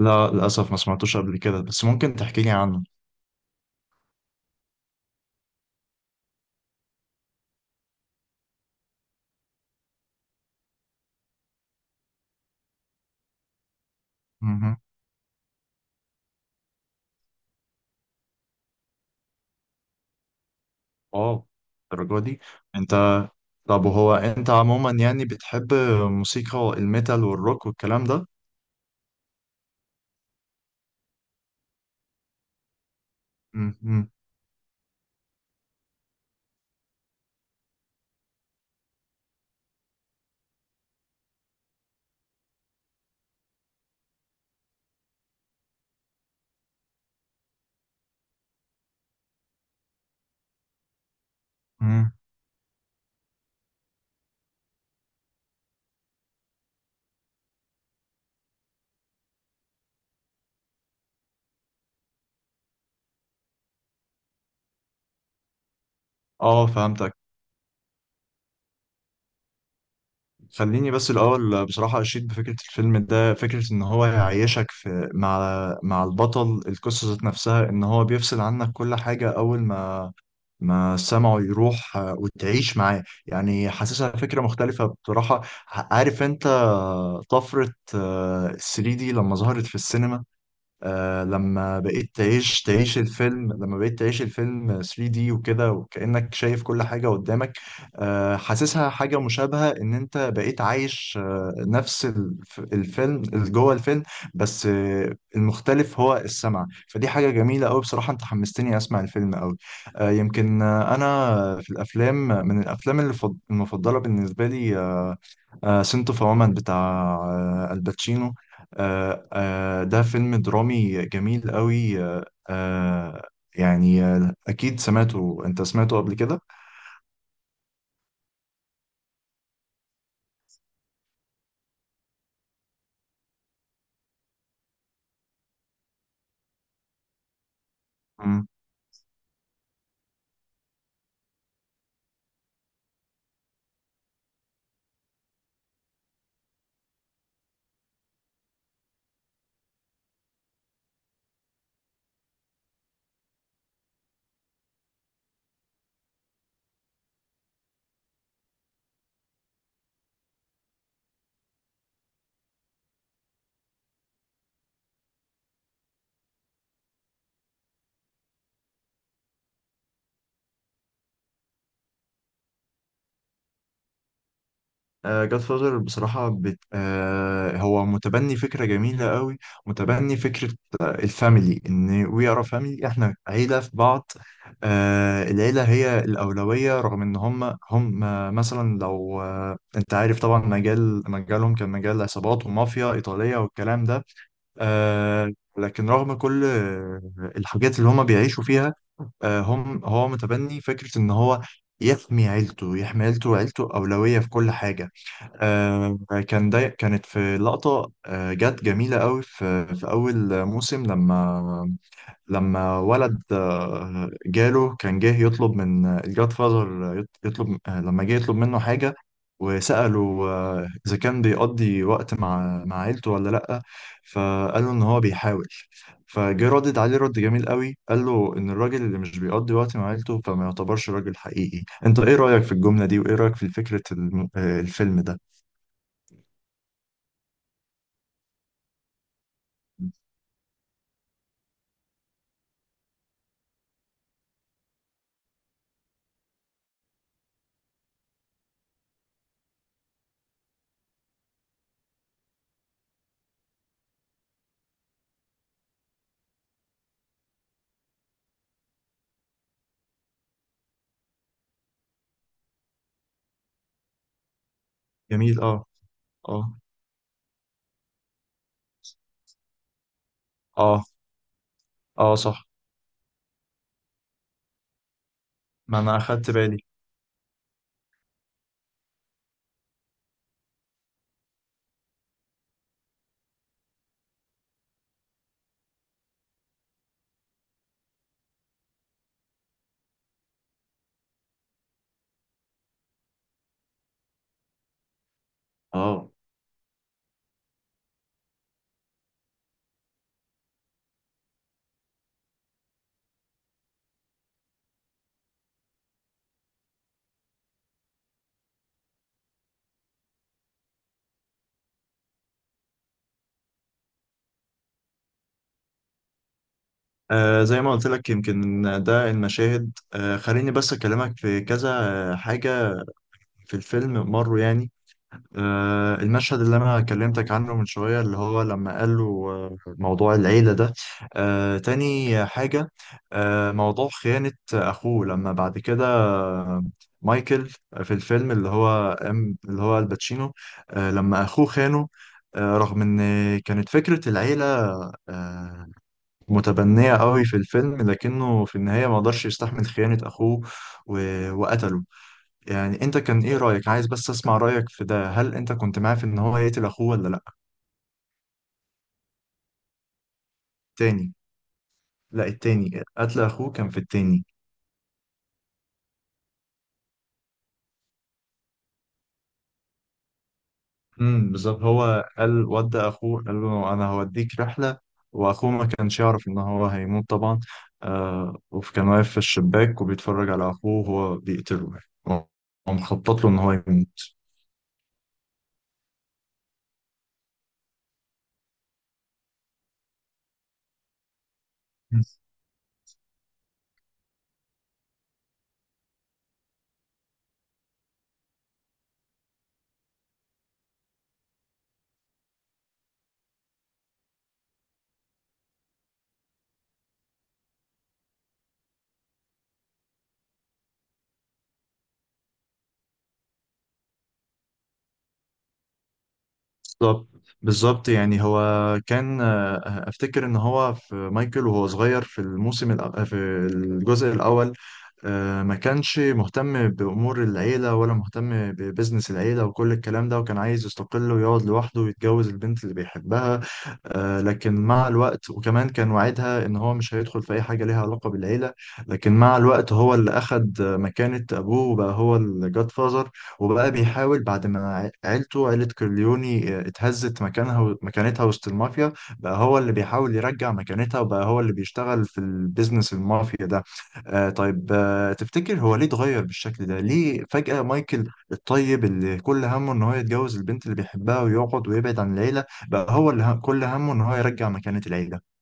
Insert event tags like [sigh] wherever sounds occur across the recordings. لا، للأسف ما سمعتوش قبل كده، بس ممكن تحكي لي عنه. مهم. واو، الدرجة دي؟ انت طب وهو انت عموما يعني بتحب موسيقى الميتال والروك والكلام ده؟ مهم. مهم. اه فهمتك. خليني بس الأول بصراحة أشيد بفكرة الفيلم ده، فكرة إن هو يعيشك مع مع البطل القصة ذات نفسها، إن هو بيفصل عنك كل حاجة أول ما سمعه يروح، وتعيش معاه، يعني حاسسها فكرة مختلفة بصراحة. عارف انت طفرة 3D لما ظهرت في السينما، آه لما بقيت تعيش الفيلم، لما بقيت تعيش الفيلم 3D وكده، وكأنك شايف كل حاجة قدامك. آه حاسسها حاجة مشابهة، ان انت بقيت عايش آه نفس الفيلم اللي جوه الفيلم، بس آه المختلف هو السمع، فدي حاجة جميلة قوي بصراحة. انت حمستني اسمع الفيلم قوي. آه يمكن آه انا في الافلام، من الافلام اللي المفضلة بالنسبة لي آه، آه سنتو فومن بتاع آه الباتشينو، ده فيلم درامي جميل قوي، يعني أكيد سمعته، أنت سمعته قبل كده. مم. جاد فاذر بصراحة بت... آه، هو متبني فكرة جميلة قوي، متبني فكرة الفاميلي، إن وي ار فاميلي، إحنا عيلة في بعض. العيلة هي الأولوية، رغم إن هم مثلا لو أنت عارف طبعا مجالهم كان مجال عصابات ومافيا إيطالية والكلام ده، آه، لكن رغم كل الحاجات اللي هما بيعيشوا فيها، آه هم هو متبني فكرة إن هو يحمي عيلته، يحمي عيلته، وعيلته أولوية في كل حاجة. آه كان ده، كانت في لقطة آه جت جميلة قوي في أول موسم لما ولد جاله كان جه يطلب من الجاد فازر، يطلب لما جه يطلب منه حاجة، وسأله إذا كان بيقضي وقت مع عيلته ولا لأ، فقال له إن هو بيحاول، فجه ردد عليه رد جميل قوي، قال له إن الراجل اللي مش بيقضي وقت مع عيلته فما يعتبرش راجل حقيقي. أنت إيه رأيك في الجملة دي، وإيه رأيك في فكرة الفيلم ده؟ جميل آه. آه. آه. آه صح، ما أنا أخدت بالي. آه. آه زي ما قلت لك، يمكن ده المشاهد، آه خليني بس أكلمك في كذا حاجة في الفيلم مروا، يعني آه المشهد اللي أنا كلمتك عنه من شوية، اللي هو لما قال له موضوع العيلة ده. آه تاني حاجة، آه موضوع خيانة أخوه لما بعد كده، مايكل في الفيلم، اللي هو اللي هو الباتشينو، آه لما أخوه خانه، آه رغم إن كانت فكرة العيلة آه، متبنية قوي في الفيلم، لكنه في النهاية ما قدرش يستحمل خيانة أخوه، و... وقتله. يعني أنت كان إيه رأيك؟ عايز بس أسمع رأيك في ده، هل أنت كنت معاه في إن هو يقتل أخوه ولا لأ؟ تاني. لا التاني، قتل أخوه كان في التاني. امم، بالظبط. هو قال ودى أخوه، قال له أنا هوديك رحلة، وأخوه ما كانش يعرف إن هو هيموت طبعا، آه وكان واقف في الشباك وبيتفرج على أخوه وهو بيقتله، يعني ومخطط له إن هو يموت. بالظبط، بالظبط. يعني هو كان افتكر ان هو في مايكل، وهو صغير في في الجزء الاول ما كانش مهتم بامور العيله، ولا مهتم ببزنس العيله وكل الكلام ده، وكان عايز يستقل ويقعد لوحده ويتجوز البنت اللي بيحبها، لكن مع الوقت، وكمان كان وعدها ان هو مش هيدخل في اي حاجه ليها علاقه بالعيله، لكن مع الوقت هو اللي اخد مكانه ابوه، وبقى هو الجاد فازر. وبقى بيحاول بعد ما عيلته، عيلة كورليوني، اتهزت مكانتها وسط المافيا، بقى هو اللي بيحاول يرجع مكانتها، وبقى هو اللي بيشتغل في البيزنس المافيا ده. آه طيب، آه تفتكر هو ليه اتغير بالشكل ده؟ ليه فجأة مايكل الطيب، اللي كل همه ان هو يتجوز البنت اللي بيحبها ويقعد ويبعد عن العيلة، بقى هو اللي كل همه ان هو يرجع مكانة العيلة؟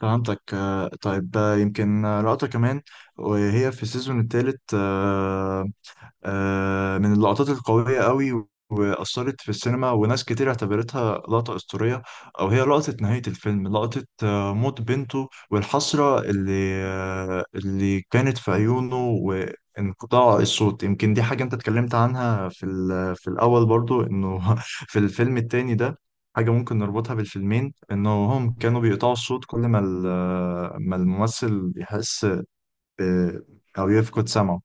فهمتك. آه طيب، آه يمكن آه، لقطة كمان وهي في السيزون الثالث، من اللقطات القوية قوي، وأثرت في السينما، وناس كتير اعتبرتها لقطة أسطورية. أو هي لقطة نهاية الفيلم، لقطة موت بنته، والحسرة اللي اللي كانت في عيونه، وانقطاع الصوت. يمكن دي حاجة أنت اتكلمت عنها في في الأول برضو، إنه [laughs] في الفيلم التاني ده حاجة ممكن نربطها بالفيلمين، إنه هم كانوا بيقطعوا الصوت كل ما ما الممثل يحس ب- أو يفقد سمعه.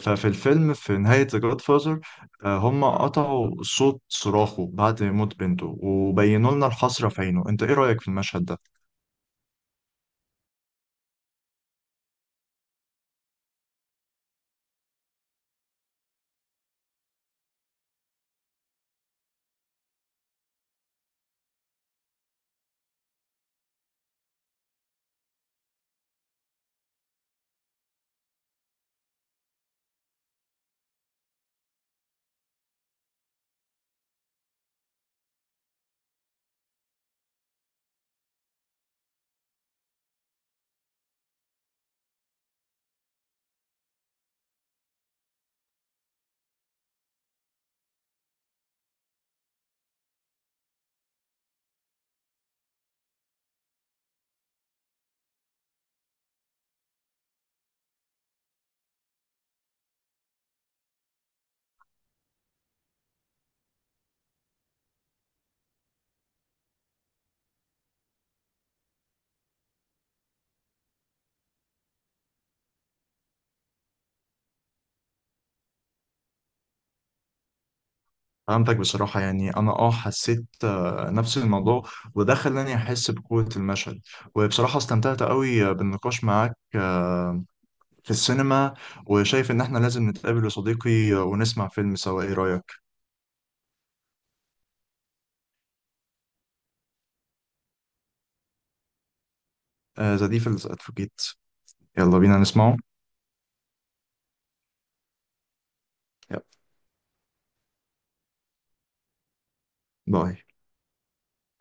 ففي الفيلم، في نهاية The Godfather، هم قطعوا صوت صراخه بعد موت بنته، وبينوا لنا الحسرة في عينه. انت ايه رأيك في المشهد ده؟ فهمتك. بصراحة يعني انا اه حسيت نفس الموضوع، وده خلاني احس بقوة المشهد. وبصراحة استمتعت قوي بالنقاش معاك في السينما، وشايف ان احنا لازم نتقابل يا صديقي، ونسمع فيلم سوا، ايه رأيك؟ آه، The Devil's Advocate، يلا بينا نسمعه. يلا باي.